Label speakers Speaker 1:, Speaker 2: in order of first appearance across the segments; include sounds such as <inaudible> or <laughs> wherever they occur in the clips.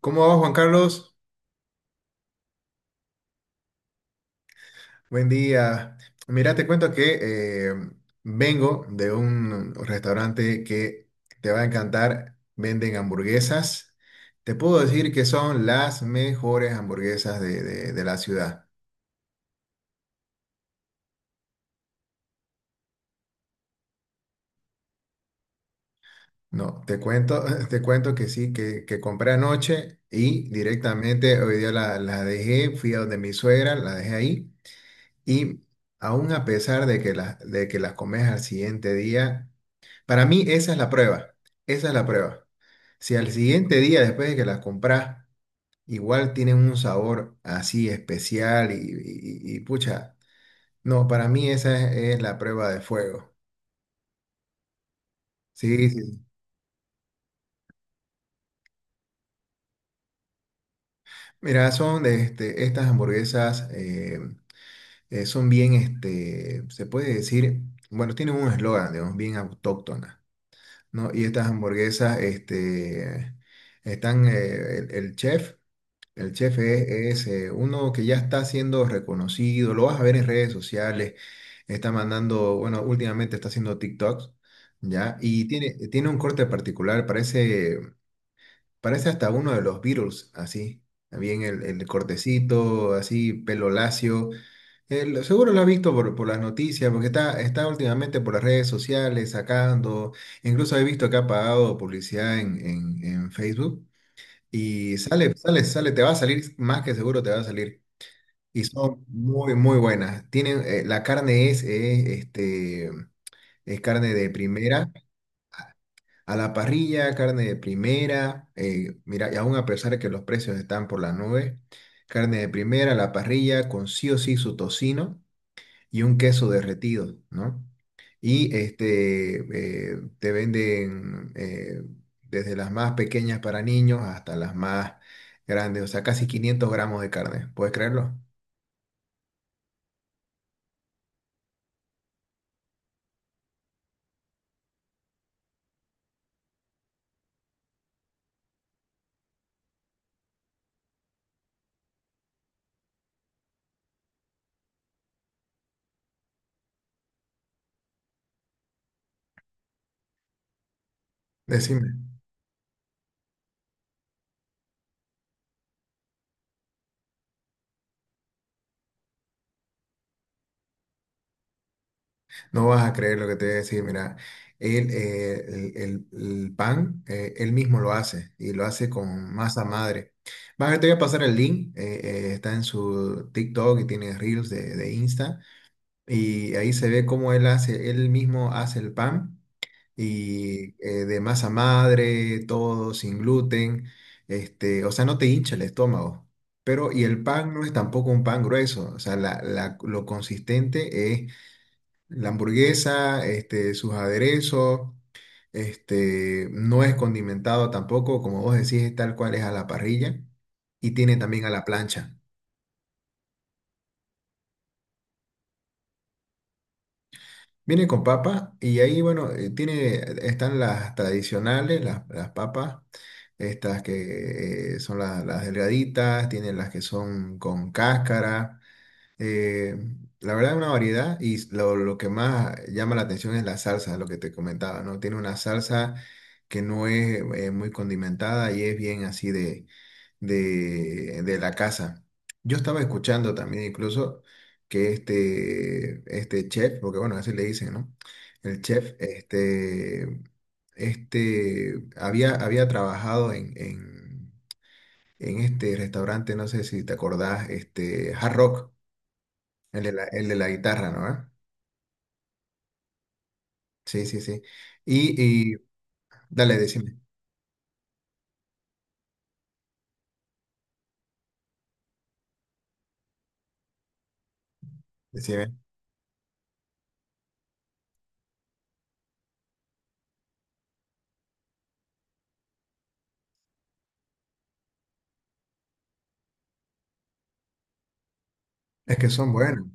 Speaker 1: ¿Cómo va Juan Carlos? Buen día. Mira, te cuento que vengo de un restaurante que te va a encantar. Venden hamburguesas. Te puedo decir que son las mejores hamburguesas de la ciudad. No, te cuento, <laughs> te cuento que sí, que compré anoche y directamente hoy día la dejé, fui a donde mi suegra, la dejé ahí y aún a pesar de que las comes al siguiente día. Para mí esa es la prueba, esa es la prueba. Si al siguiente día, después de que las compras, igual tienen un sabor así especial y pucha, no, para mí esa es la prueba de fuego. Sí, sí. Mira, son de estas hamburguesas, son bien, se puede decir, bueno, tienen un eslogan, digamos, bien autóctona, ¿no? Y estas hamburguesas, están, el chef. El chef es uno que ya está siendo reconocido, lo vas a ver en redes sociales, está mandando, bueno, últimamente está haciendo TikToks, ¿ya? Y tiene un corte particular, parece hasta uno de los Beatles, así, bien el cortecito, así, pelo lacio. Seguro lo has visto por las noticias, porque está últimamente por las redes sociales sacando, incluso he visto que ha pagado publicidad en Facebook. Y sale, sale, sale, te va a salir, más que seguro te va a salir. Y son muy, muy buenas. Tienen, la carne es carne de primera, a la parrilla, carne de primera. Mira, y aún a pesar de que los precios están por las nubes, carne de primera, a la parrilla, con sí o sí su tocino y un queso derretido, ¿no? Te venden desde las más pequeñas para niños hasta las más grandes, o sea, casi 500 g de carne, ¿puedes creerlo? Decime, no vas a creer lo que te voy a decir, mira, él, el pan, él mismo lo hace y lo hace con masa madre. Te voy a pasar el link, está en su TikTok y tiene Reels de Insta. Y ahí se ve cómo él hace, él mismo hace el pan y de masa madre, todo sin gluten, o sea, no te hincha el estómago. Pero, y el pan no es tampoco un pan grueso, o sea, lo consistente es la hamburguesa, sus aderezos, no es condimentado tampoco, como vos decís, es tal cual es a la parrilla y tiene también a la plancha. Viene con papa y ahí, bueno, están las tradicionales, las papas, estas que son las delgaditas, tienen las que son con cáscara. eh, la verdad es una variedad y lo que más llama la atención es la salsa, lo que te comentaba, ¿no? Tiene una salsa que no es muy condimentada y es bien así de la casa. Yo estaba escuchando también incluso que este chef, porque bueno, así le dicen, ¿no? El chef, había trabajado en este restaurante, no sé si te acordás, este, Hard Rock, el de la guitarra, ¿no? ¿Eh? Sí, sí, sí. Y, y, dale, decime, decime. Es que son buenos.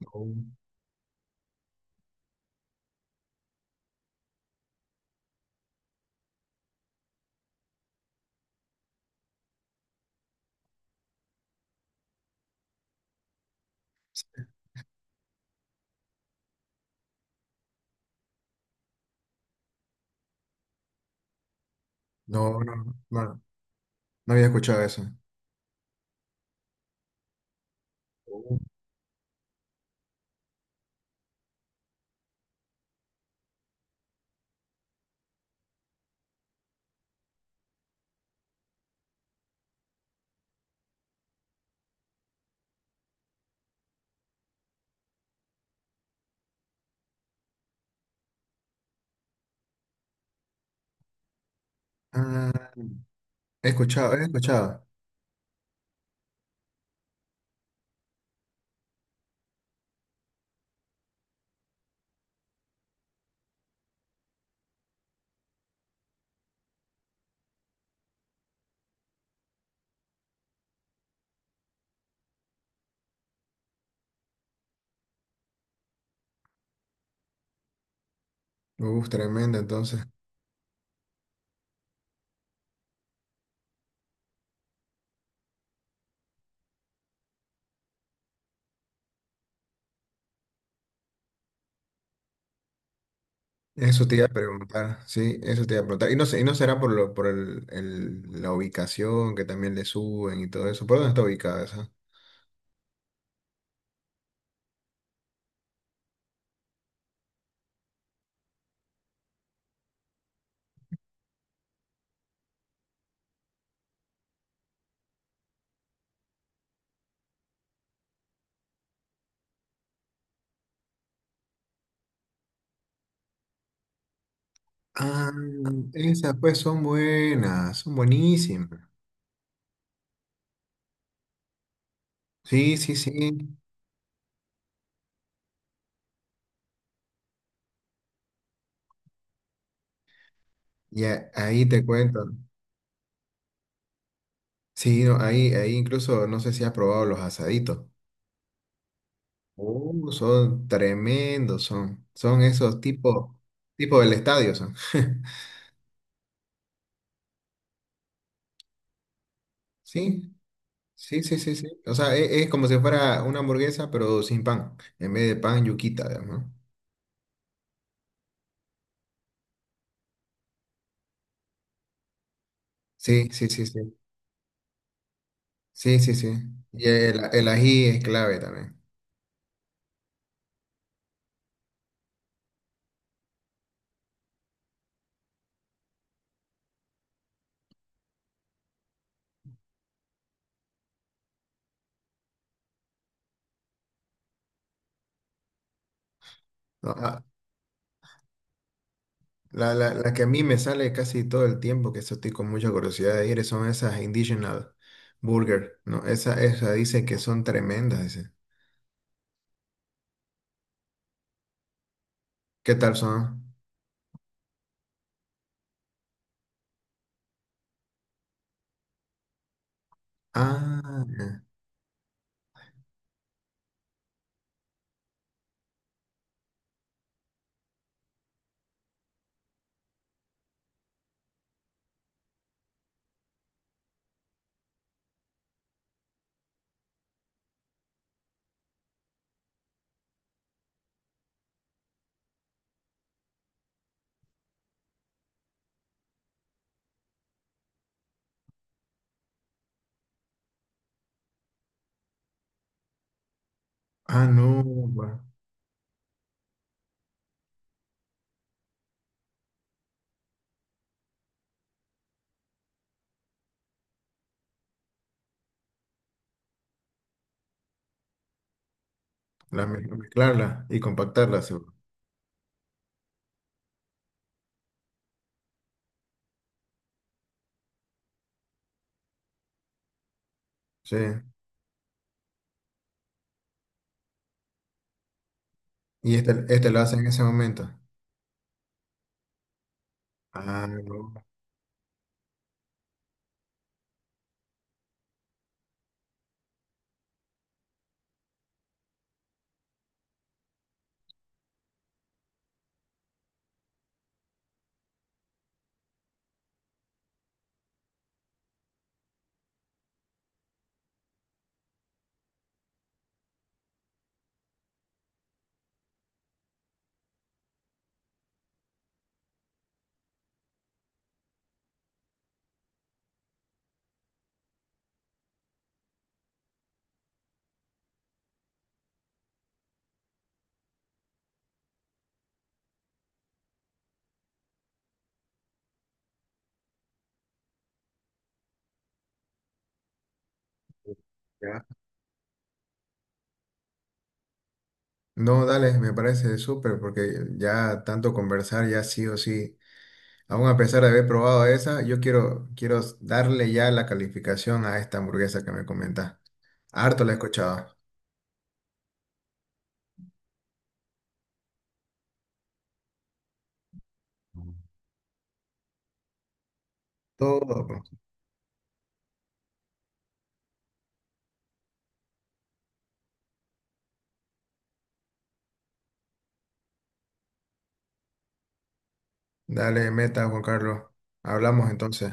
Speaker 1: No, no, no, no, no había escuchado eso. Uh. Ah, he escuchado, he escuchado. Uf, tremendo, entonces. Eso te iba a preguntar, sí, eso te iba a preguntar. Y no sé, y no será por lo, por la ubicación que también le suben y todo eso. ¿Por dónde está ubicada esa? Ah, esas pues son buenas, son buenísimas. Sí, sí, sí. Ahí te cuento. Sí, no, ahí, ahí incluso no sé si has probado los asaditos. Son tremendos, son. Son esos tipo del estadio son. <laughs> Sí, sí, sí, sí, sí. O sea, es, como si fuera una hamburguesa, pero sin pan. En vez de pan, yuquita, digamos, ¿no? Sí, sí, sí, sí. Sí, sí, sí. Y el ají es clave también. No, ah, la que a mí me sale casi todo el tiempo, que eso estoy con mucha curiosidad de ir, son esas Indigenous Burger, ¿no? Esa dice que son tremendas, dice. ¿Qué tal son? Ah, ya. Ah, no, bueno. Mezclarla y compactarla, seguro. Sí. Y este lo hace en ese momento. Ah, no. Ya. No, dale, me parece súper porque ya tanto conversar ya sí o sí. Aún a pesar de haber probado esa, yo quiero, quiero darle ya la calificación a esta hamburguesa que me comentas. Harto la he escuchado. Todo. Pues. Dale, meta, Juan Carlos. Hablamos entonces.